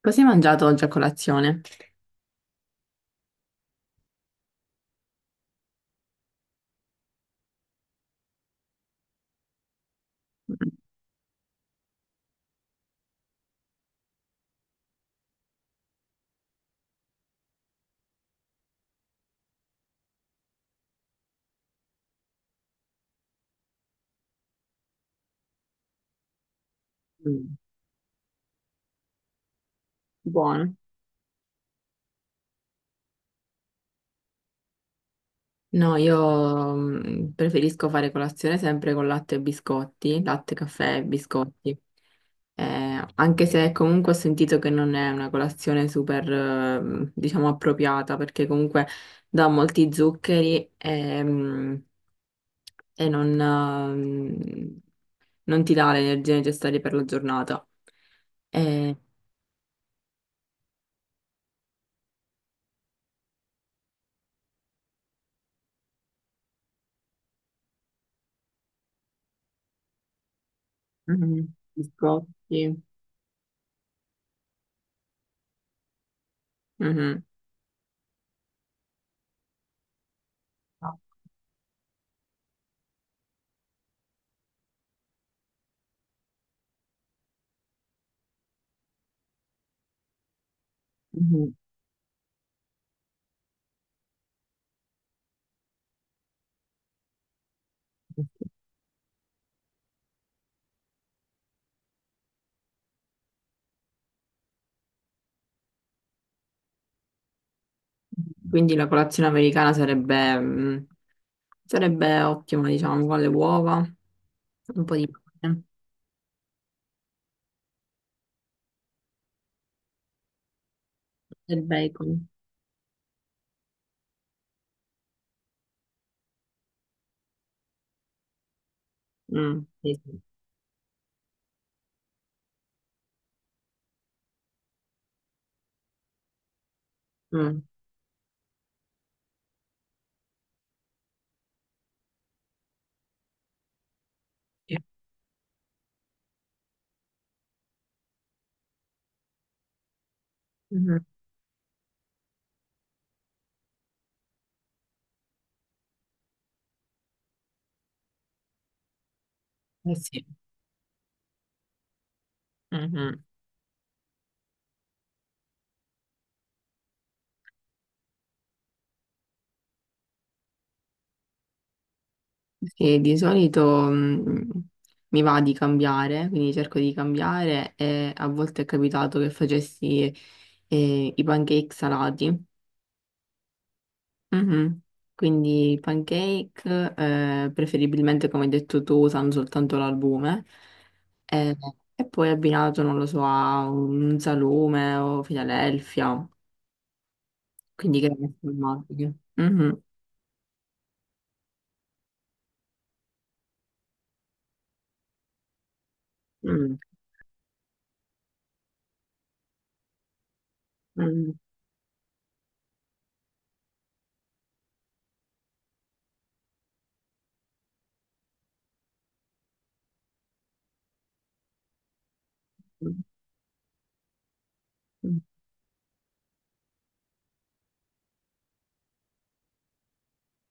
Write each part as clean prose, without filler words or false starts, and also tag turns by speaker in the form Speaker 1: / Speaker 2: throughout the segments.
Speaker 1: Cosa hai mangiato oggi a colazione? Mm. Mm. Buono. No, io preferisco fare colazione sempre con latte e biscotti, latte, caffè e biscotti. Anche se comunque ho sentito che non è una colazione super, diciamo, appropriata, perché comunque dà molti zuccheri e, e non, non ti dà le energie necessarie per la giornata. Eh. Mhm. Biscotti. Mhm. Ah. Mhm. Quindi la colazione americana sarebbe, sarebbe ottima, diciamo, con le uova, un po' di pane, del bacon. Mm, sì, sì. Mm, sì. Mhm. Eh sì. Mhm. Sì, di solito mh, mi va di cambiare, quindi cerco di cambiare e a volte è capitato che facessi i pancake salati. Mhm. Quindi pancake, preferibilmente come hai detto tu, usano soltanto l'albume e, e poi abbinato, non lo so, a un salume o Filadelfia, quindi che formaggi. Mhm. Mm. Mm. Mm.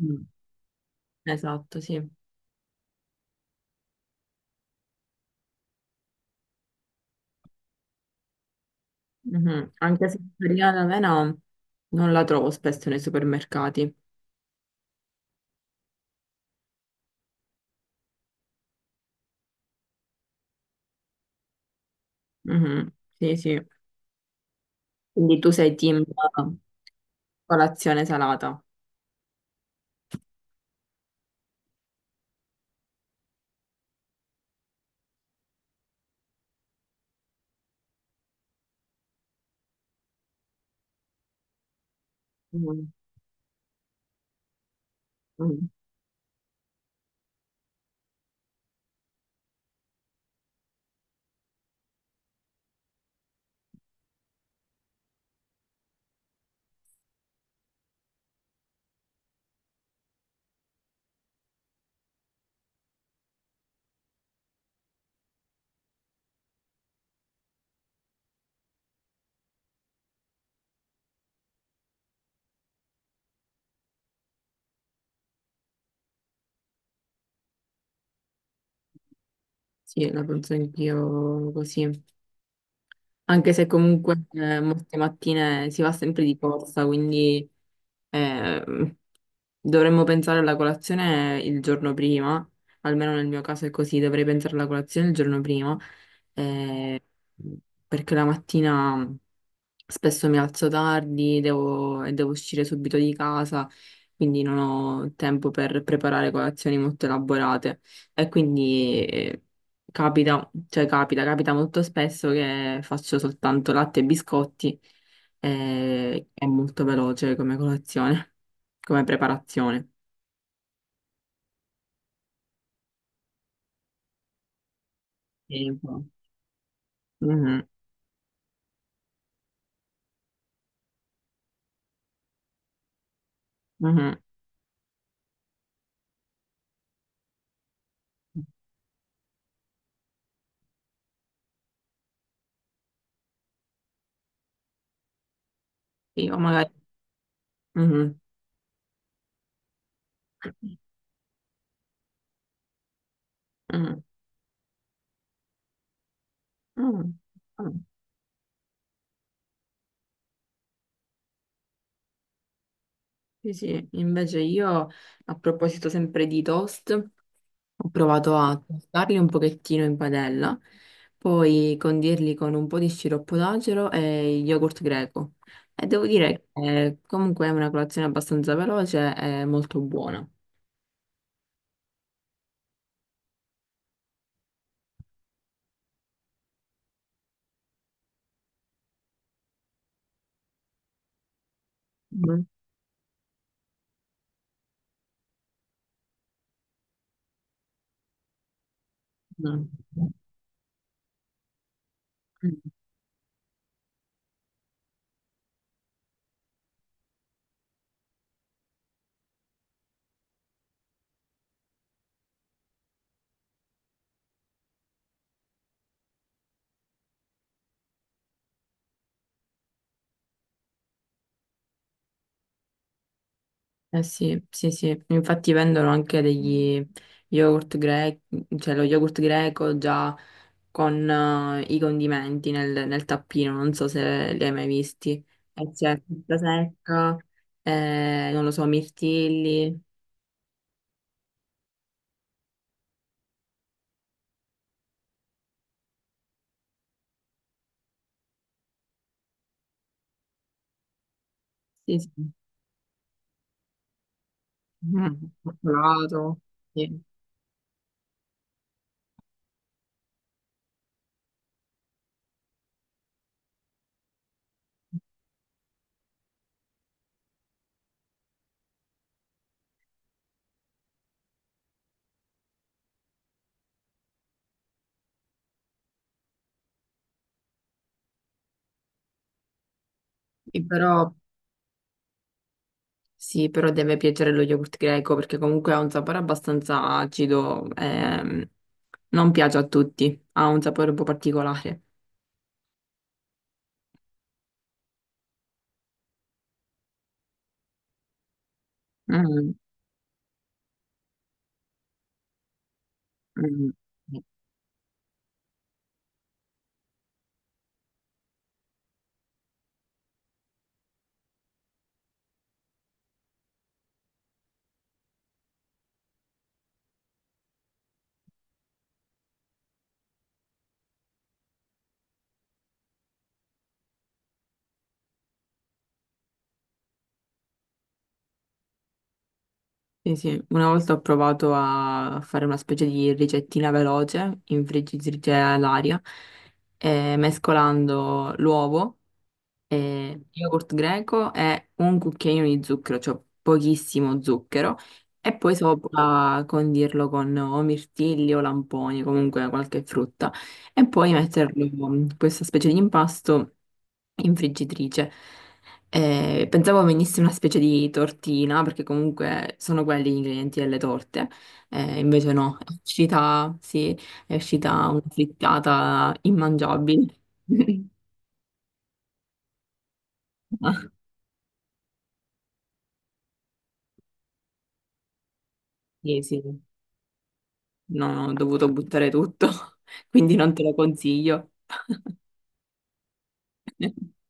Speaker 1: Mm. Esatto, sì. Mhm. Anche se l'origano avena non la trovo spesso nei supermercati. Mhm. Sì, sì. Quindi tu sei team colazione salata. Mhm. Mhm. Sì, la penso anch'io così. Anche se comunque molte mattine si va sempre di corsa, quindi eh, dovremmo pensare alla colazione il giorno prima. Almeno nel mio caso è così, dovrei pensare alla colazione il giorno prima perché la mattina spesso mi alzo tardi e devo uscire subito di casa, quindi non ho tempo per preparare colazioni molto elaborate. E quindi capita, capita molto spesso che faccio soltanto latte e biscotti. Eh, è molto veloce come colazione, come preparazione. Sì, un po'. Mhm, mhm. Io magari... Mhm, mhm, mhm, mhm. Sì, sì, invece io a proposito sempre di toast, ho provato a tostarli un pochettino in padella, poi condirli con un po' di sciroppo d'acero e yogurt greco. E devo dire che comunque è una colazione abbastanza veloce e molto buona. Mm. Mm. Eh sì, sì, sì, infatti vendono anche degli yogurt greco, cioè lo yogurt greco già con i condimenti nel tappino, non so se li hai mai visti. E c'è frutta secca, non lo so, mirtilli, sì, sì. Mm, cioccolato, sì. Sì, però, sì, però deve piacere lo yogurt greco perché comunque ha un sapore abbastanza acido, non piace a tutti, ha un sapore un po' particolare. Mm, mm. Sì, sì, una volta ho provato a fare una specie di ricettina veloce in friggitrice all'aria, mescolando l'uovo, yogurt greco e un cucchiaino di zucchero, cioè pochissimo zucchero, e poi sopra condirlo con o mirtilli o lamponi, comunque qualche frutta, e poi metterlo in questa specie di impasto in friggitrice. Pensavo venisse una specie di tortina, perché comunque sono quelli gli ingredienti delle torte. Invece no, è uscita, sì, è uscita una frittata immangiabile. Ah, sì, sì, no, no, ho dovuto buttare tutto, quindi non te lo consiglio.